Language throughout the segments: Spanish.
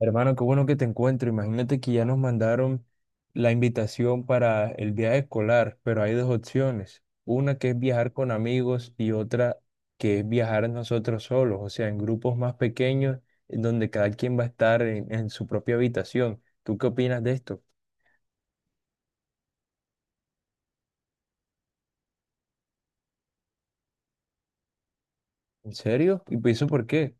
Hermano, qué bueno que te encuentro. Imagínate que ya nos mandaron la invitación para el viaje escolar, pero hay dos opciones. Una que es viajar con amigos y otra que es viajar nosotros solos, o sea, en grupos más pequeños, en donde cada quien va a estar en su propia habitación. ¿Tú qué opinas de esto? ¿En serio? ¿Y eso por qué?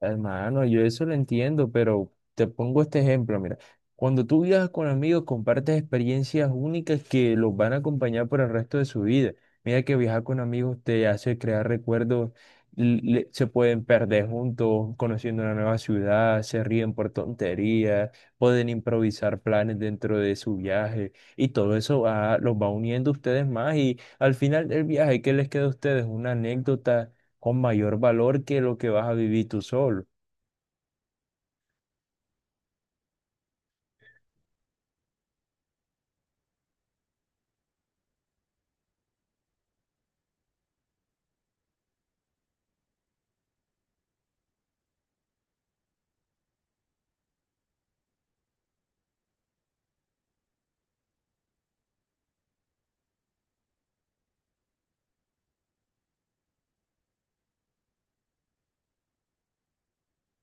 Hermano, yo eso lo entiendo, pero te pongo este ejemplo, mira, cuando tú viajas con amigos compartes experiencias únicas que los van a acompañar por el resto de su vida. Mira que viajar con amigos te hace crear recuerdos, se pueden perder juntos, conociendo una nueva ciudad, se ríen por tonterías, pueden improvisar planes dentro de su viaje y todo eso los va uniendo a ustedes más y al final del viaje, ¿qué les queda a ustedes? Una anécdota con mayor valor que lo que vas a vivir tú solo.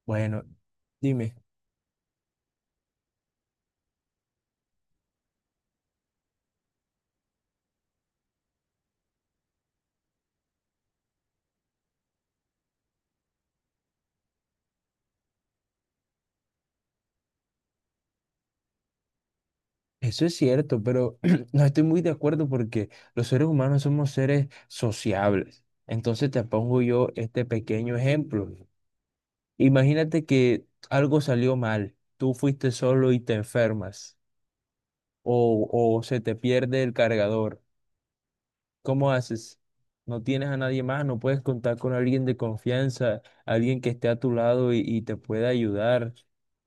Bueno, dime, eso es cierto, pero no estoy muy de acuerdo porque los seres humanos somos seres sociables. Entonces te pongo yo este pequeño ejemplo. Imagínate que algo salió mal, tú fuiste solo y te enfermas o se te pierde el cargador. ¿Cómo haces? No tienes a nadie más, no puedes contar con alguien de confianza, alguien que esté a tu lado y te pueda ayudar.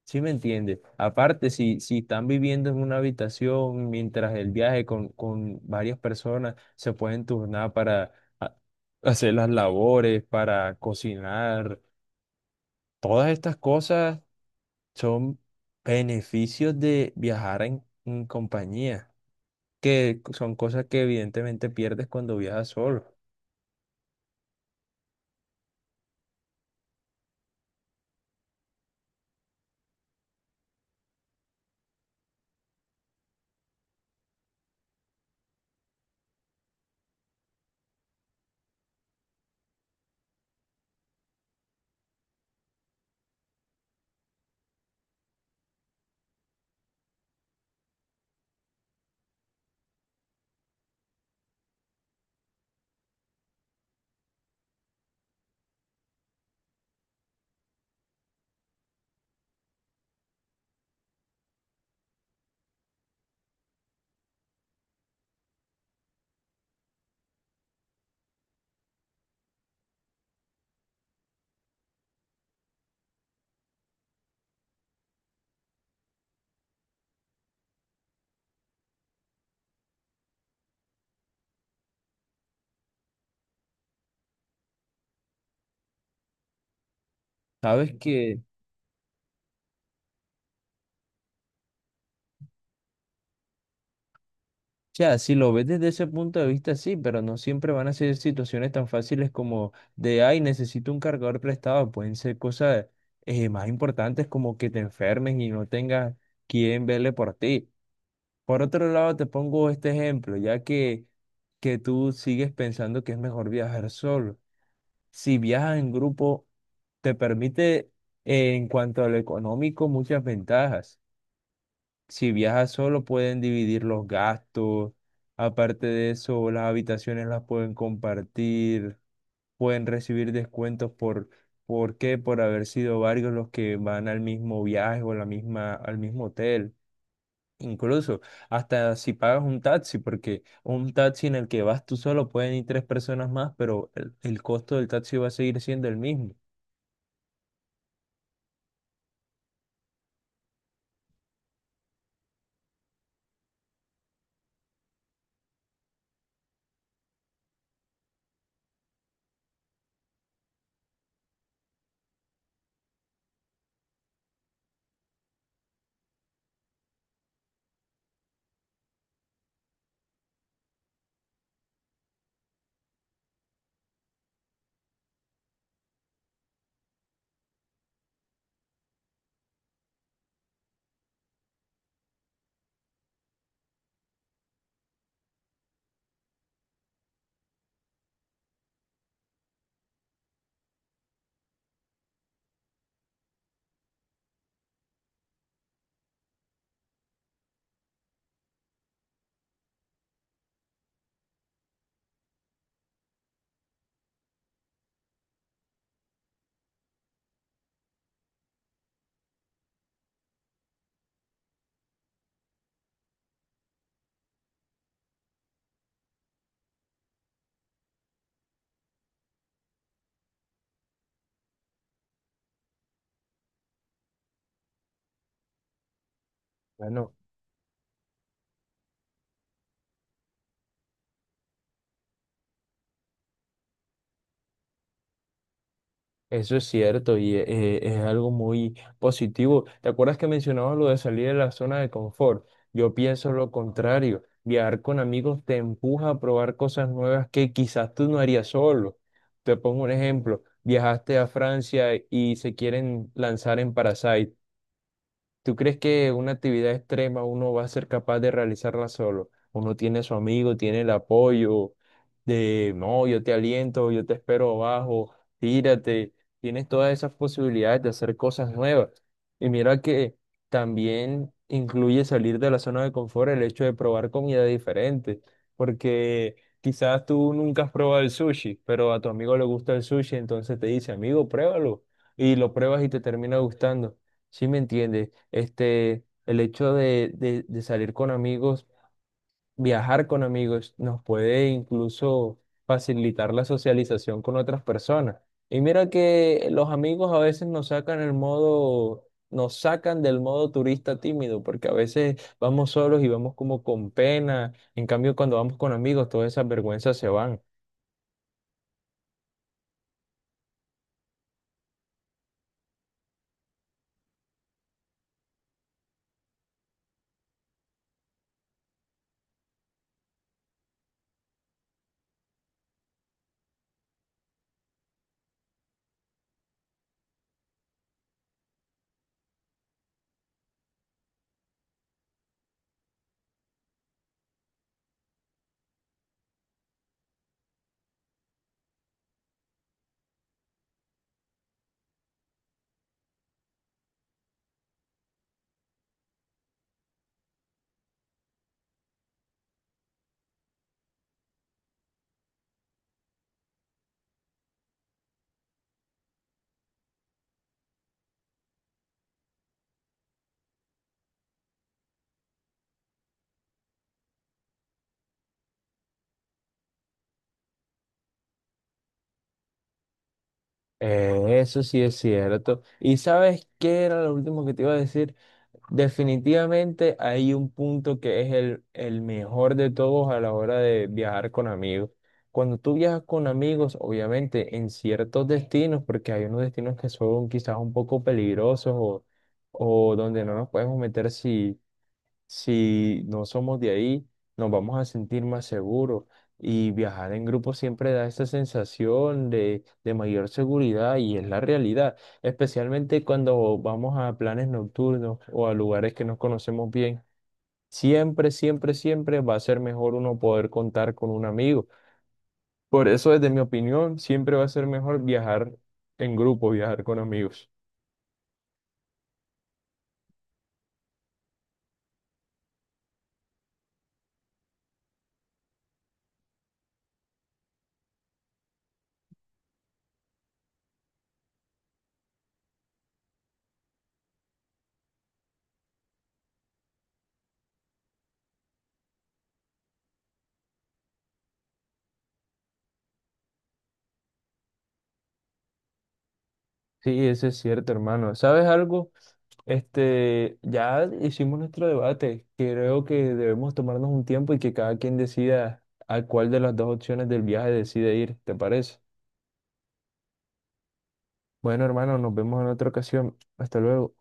¿Sí me entiendes? Aparte, si están viviendo en una habitación mientras el viaje con varias personas, se pueden turnar para a- hacer las labores, para cocinar. Todas estas cosas son beneficios de viajar en compañía, que son cosas que evidentemente pierdes cuando viajas solo. Sabes que, ya, si lo ves desde ese punto de vista, sí, pero no siempre van a ser situaciones tan fáciles como de, ay, necesito un cargador prestado. Pueden ser cosas más importantes como que te enfermes y no tengas quien vele por ti. Por otro lado, te pongo este ejemplo, ya que tú sigues pensando que es mejor viajar solo. Si viajas en grupo, te permite, en cuanto a lo económico, muchas ventajas. Si viajas solo, pueden dividir los gastos. Aparte de eso, las habitaciones las pueden compartir. Pueden recibir descuentos ¿por qué? Por haber sido varios los que van al mismo viaje o la misma, al mismo hotel. Incluso hasta si pagas un taxi, porque un taxi en el que vas tú solo pueden ir tres personas más, pero el costo del taxi va a seguir siendo el mismo. Bueno, eso es cierto y es algo muy positivo. ¿Te acuerdas que mencionabas lo de salir de la zona de confort? Yo pienso lo contrario. Viajar con amigos te empuja a probar cosas nuevas que quizás tú no harías solo. Te pongo un ejemplo. Viajaste a Francia y se quieren lanzar en Parasite. ¿Tú crees que una actividad extrema uno va a ser capaz de realizarla solo? Uno tiene su amigo, tiene el apoyo de, no, yo te aliento, yo te espero abajo, tírate. Tienes todas esas posibilidades de hacer cosas nuevas. Y mira que también incluye salir de la zona de confort el hecho de probar comida diferente, porque quizás tú nunca has probado el sushi, pero a tu amigo le gusta el sushi, entonces te dice, amigo, pruébalo. Y lo pruebas y te termina gustando. Sí, me entiende. Este, el hecho de salir con amigos, viajar con amigos, nos puede incluso facilitar la socialización con otras personas. Y mira que los amigos a veces nos sacan el modo, nos sacan del modo turista tímido, porque a veces vamos solos y vamos como con pena. En cambio, cuando vamos con amigos, todas esas vergüenzas se van. Eso sí es cierto. ¿Y sabes qué era lo último que te iba a decir? Definitivamente hay un punto que es el mejor de todos a la hora de viajar con amigos. Cuando tú viajas con amigos, obviamente en ciertos destinos, porque hay unos destinos que son quizás un poco peligrosos o donde no nos podemos meter si no somos de ahí, nos vamos a sentir más seguros y viajar en grupo siempre da esa sensación de mayor seguridad y es la realidad, especialmente cuando vamos a planes nocturnos o a lugares que nos conocemos bien. Siempre, siempre, siempre va a ser mejor uno poder contar con un amigo. Por eso, desde mi opinión, siempre va a ser mejor viajar en grupo, viajar con amigos. Sí, eso es cierto, hermano. ¿Sabes algo? Este, ya hicimos nuestro debate. Creo que debemos tomarnos un tiempo y que cada quien decida a cuál de las dos opciones del viaje decide ir, ¿te parece? Bueno, hermano, nos vemos en otra ocasión. Hasta luego.